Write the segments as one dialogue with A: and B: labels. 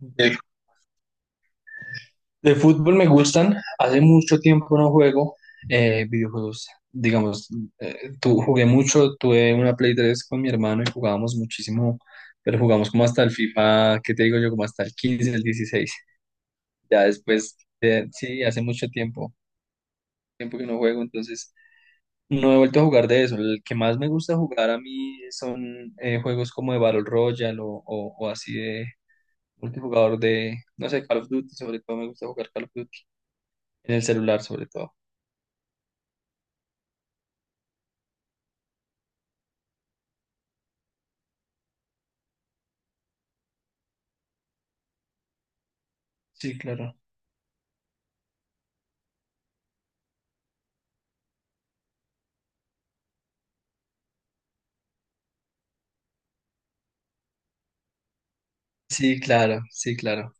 A: De, de fútbol me gustan, hace mucho tiempo no juego videojuegos, digamos, jugué mucho, tuve una Play 3 con mi hermano y jugábamos muchísimo, pero jugamos como hasta el FIFA, ¿qué te digo yo? Como hasta el 15 el 16 ya después, sí, hace mucho tiempo, tiempo que no juego, entonces no he vuelto a jugar de eso, el que más me gusta jugar a mí son juegos como de Battle Royale o, o así de multijugador de, no sé, Call of Duty, sobre todo me gusta jugar Call of Duty. En el celular, sobre todo. Sí, claro. Sí, claro, sí, claro.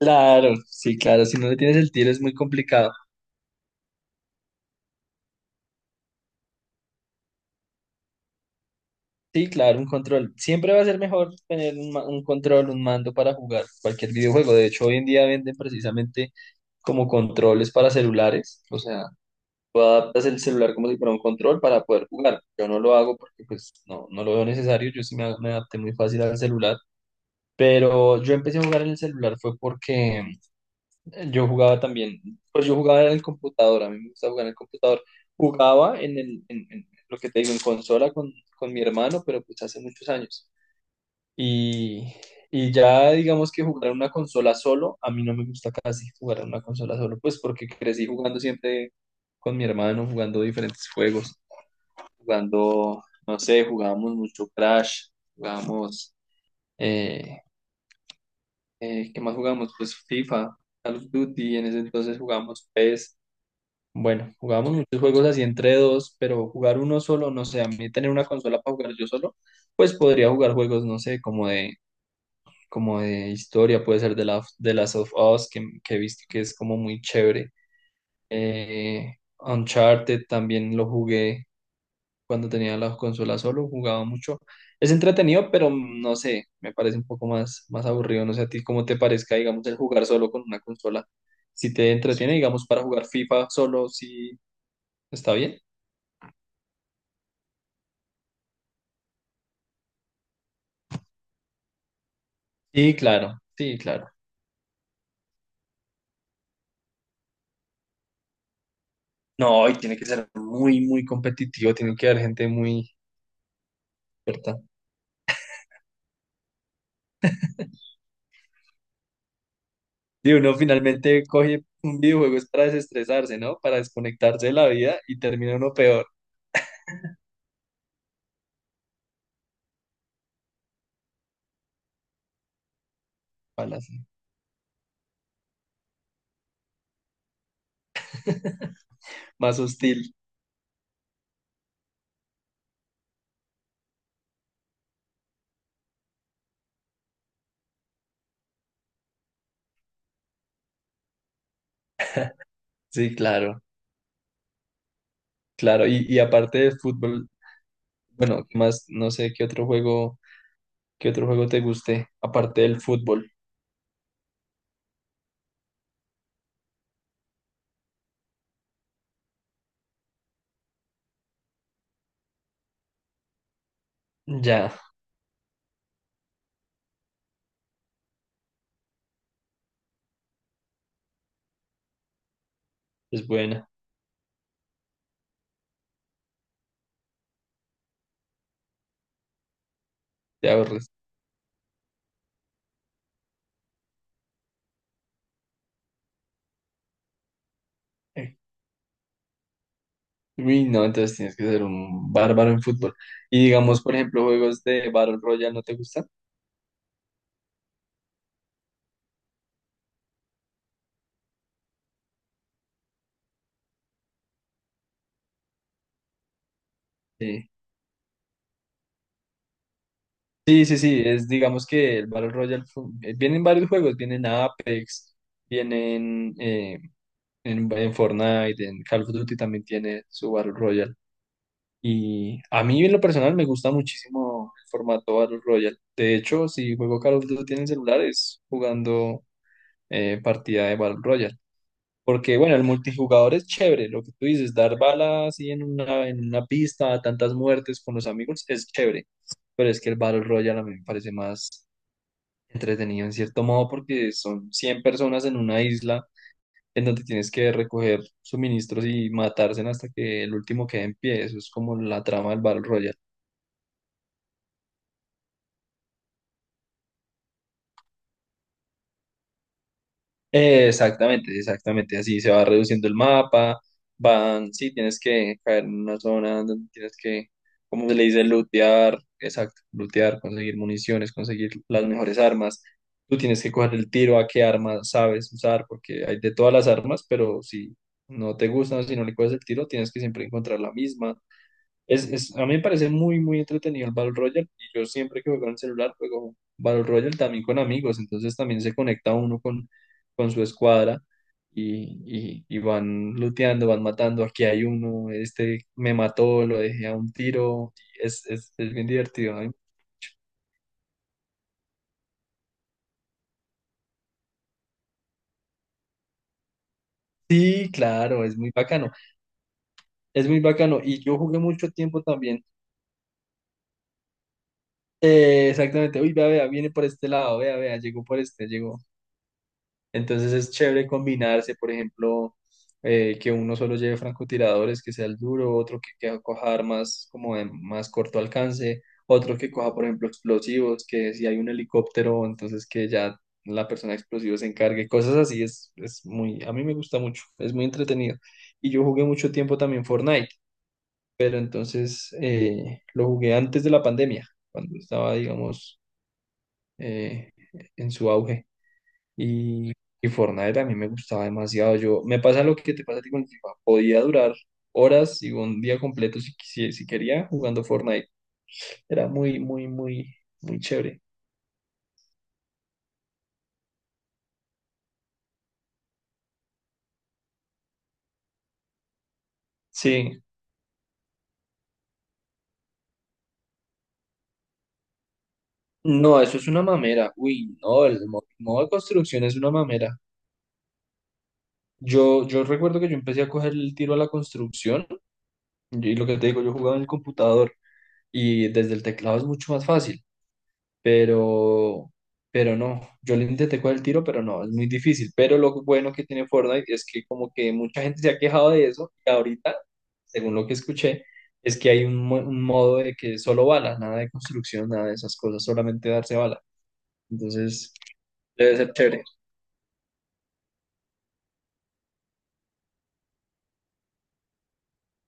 A: Claro, sí, claro. Si no le tienes el tiro es muy complicado. Sí, claro, un control. Siempre va a ser mejor tener un control, un mando para jugar cualquier videojuego. De hecho, hoy en día venden precisamente como controles para celulares. O sea, tú adaptas el celular como si fuera un control para poder jugar. Yo no lo hago porque pues no, no lo veo necesario. Yo sí me adapté muy fácil al celular. Pero yo empecé a jugar en el celular fue porque yo jugaba también, pues yo jugaba en el computador, a mí me gusta jugar en el computador. Jugaba en lo que te digo, en consola con mi hermano, pero pues hace muchos años. Y, y ya digamos que jugar en una consola solo, a mí no me gusta casi jugar en una consola solo, pues porque crecí jugando siempre con mi hermano, jugando diferentes juegos, jugando, no sé, jugábamos mucho Crash, jugábamos, eh, ¿qué más jugábamos? Pues FIFA, Call of Duty, en ese entonces jugábamos PES. Bueno, jugábamos muchos juegos así entre dos, pero jugar uno solo, no sé, a mí tener una consola para jugar yo solo, pues podría jugar juegos, no sé, como de historia, puede ser de Last of Us, que he visto que es como muy chévere. Uncharted también lo jugué cuando tenía la consola solo, jugaba mucho. Es entretenido, pero no sé, me parece un poco más, más aburrido, no sé a ti cómo te parezca, digamos, el jugar solo con una consola. Si te entretiene, digamos, para jugar FIFA solo, si está bien. Sí, claro, sí, claro. No, y tiene que ser muy, muy competitivo, tiene que haber gente muy experta. Y uno finalmente coge un videojuego es para desestresarse, ¿no? Para desconectarse de la vida y termina uno peor, ojalá sí, más hostil. Sí, claro, claro. Y aparte de fútbol, bueno, ¿qué más? No sé qué otro juego te guste, aparte del fútbol. Ya, es buena, te ahorres. Uy, no, entonces tienes que ser un bárbaro en fútbol. Y digamos, por ejemplo, juegos de Battle Royale, ¿no te gusta? Sí, sí, sí, sí, es digamos que el Battle Royale vienen varios juegos, vienen Apex, vienen en Fortnite, en Call of Duty también tiene su Battle Royale. Y a mí en lo personal me gusta muchísimo el formato Battle Royale. De hecho, si juego Call of Duty en el celular es jugando partida de Battle Royale. Porque bueno, el multijugador es chévere, lo que tú dices, dar balas así en una pista, tantas muertes con los amigos, es chévere, pero es que el Battle Royale a mí me parece más entretenido en cierto modo porque son 100 personas en una isla en donde tienes que recoger suministros y matarse hasta que el último quede en pie. Eso es como la trama del Battle Royale. Exactamente, exactamente. Así se va reduciendo el mapa. Van, sí, tienes que caer en una zona donde tienes que, como se le dice, lootear. Exacto, lootear, conseguir municiones, conseguir las mejores armas. Tú tienes que coger el tiro a qué arma sabes usar, porque hay de todas las armas, pero si no te gustan, si no le coges el tiro, tienes que siempre encontrar la misma. A mí me parece muy, muy entretenido el Battle Royale y yo siempre que juego en el celular juego Battle Royale también con amigos, entonces también se conecta uno con su escuadra y van looteando, van matando, aquí hay uno, este me mató, lo dejé a un tiro, es bien divertido. ¿Eh? Sí, claro, es muy bacano y yo jugué mucho tiempo también. Exactamente, uy, vea, vea, viene por este lado, vea, vea, llegó por este, llegó. Entonces es chévere combinarse, por ejemplo, que uno solo lleve francotiradores, que sea el duro, otro que coja armas como de más corto alcance, otro que coja, por ejemplo, explosivos, que si hay un helicóptero, entonces que ya la persona de explosivos se encargue, cosas así, es muy, a mí me gusta mucho, es muy entretenido. Y yo jugué mucho tiempo también Fortnite, pero entonces lo jugué antes de la pandemia, cuando estaba, digamos, eh, en su auge. Y, y Fortnite a mí me gustaba demasiado. Yo, me pasa lo que te pasa a ti con el FIFA. Podía durar horas y un día completo si, si quería jugando Fortnite. Era muy, muy, muy, muy chévere. Sí. No, eso es una mamera. Uy, no, el modo de construcción es una mamera. Yo recuerdo que yo empecé a coger el tiro a la construcción y lo que te digo, yo jugaba en el computador y desde el teclado es mucho más fácil. pero, pero no, yo le intenté con el tiro, pero no, es muy difícil. Pero lo bueno que tiene Fortnite es que como que mucha gente se ha quejado de eso y ahorita, según lo que escuché, es que hay un modo de que solo bala, nada de construcción, nada de esas cosas, solamente darse bala. Entonces, debe ser chévere.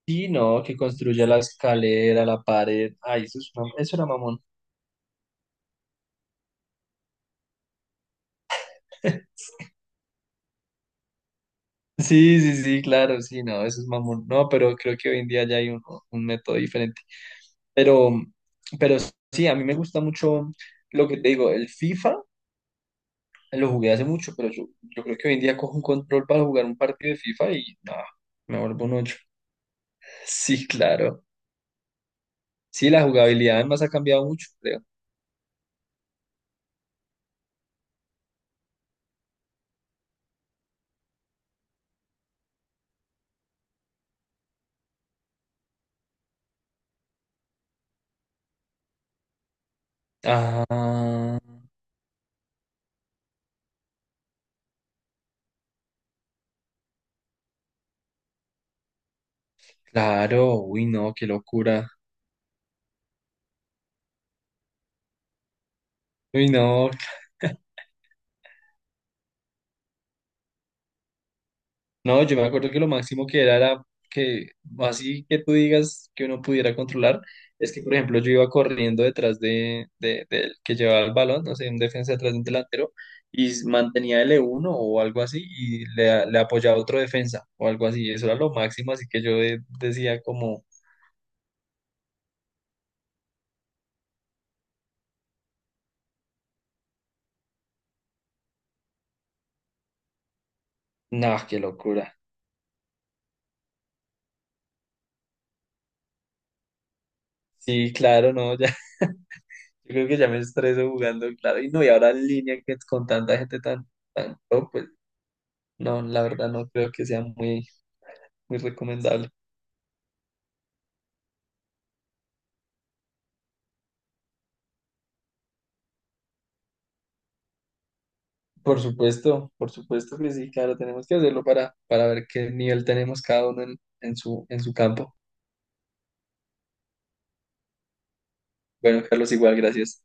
A: Sí, no, que construya la escalera, la pared. Ay, eso era mamón. Sí, sí, sí, claro, sí, no, eso es mamón. No, pero creo que hoy en día ya hay un método diferente. Pero, pero sí, a mí me gusta mucho lo que te digo, el FIFA, lo jugué hace mucho, pero yo creo que hoy en día cojo un control para jugar un partido de FIFA y nada, me vuelvo un ocho. Sí, claro. Sí, la jugabilidad además ha cambiado mucho, creo. Ah, claro, uy, no, qué locura. Uy, no, no, yo me acuerdo que lo máximo que era, era que, así que tú digas que uno pudiera controlar, es que, por ejemplo, yo iba corriendo detrás del que llevaba el balón, no sé, un defensa detrás de un delantero, y mantenía l uno o algo así, y le apoyaba otro defensa o algo así. Eso era lo máximo, así que yo decía como, no, qué locura. Sí, claro, no, ya, yo creo que ya me estreso jugando, claro, y no, y ahora en línea que con tanta gente tan, tan, top, pues, no, la verdad no creo que sea muy, muy recomendable. Por supuesto que sí, claro, tenemos que hacerlo para ver qué nivel tenemos cada uno en su campo. Bueno, Carlos, igual, gracias.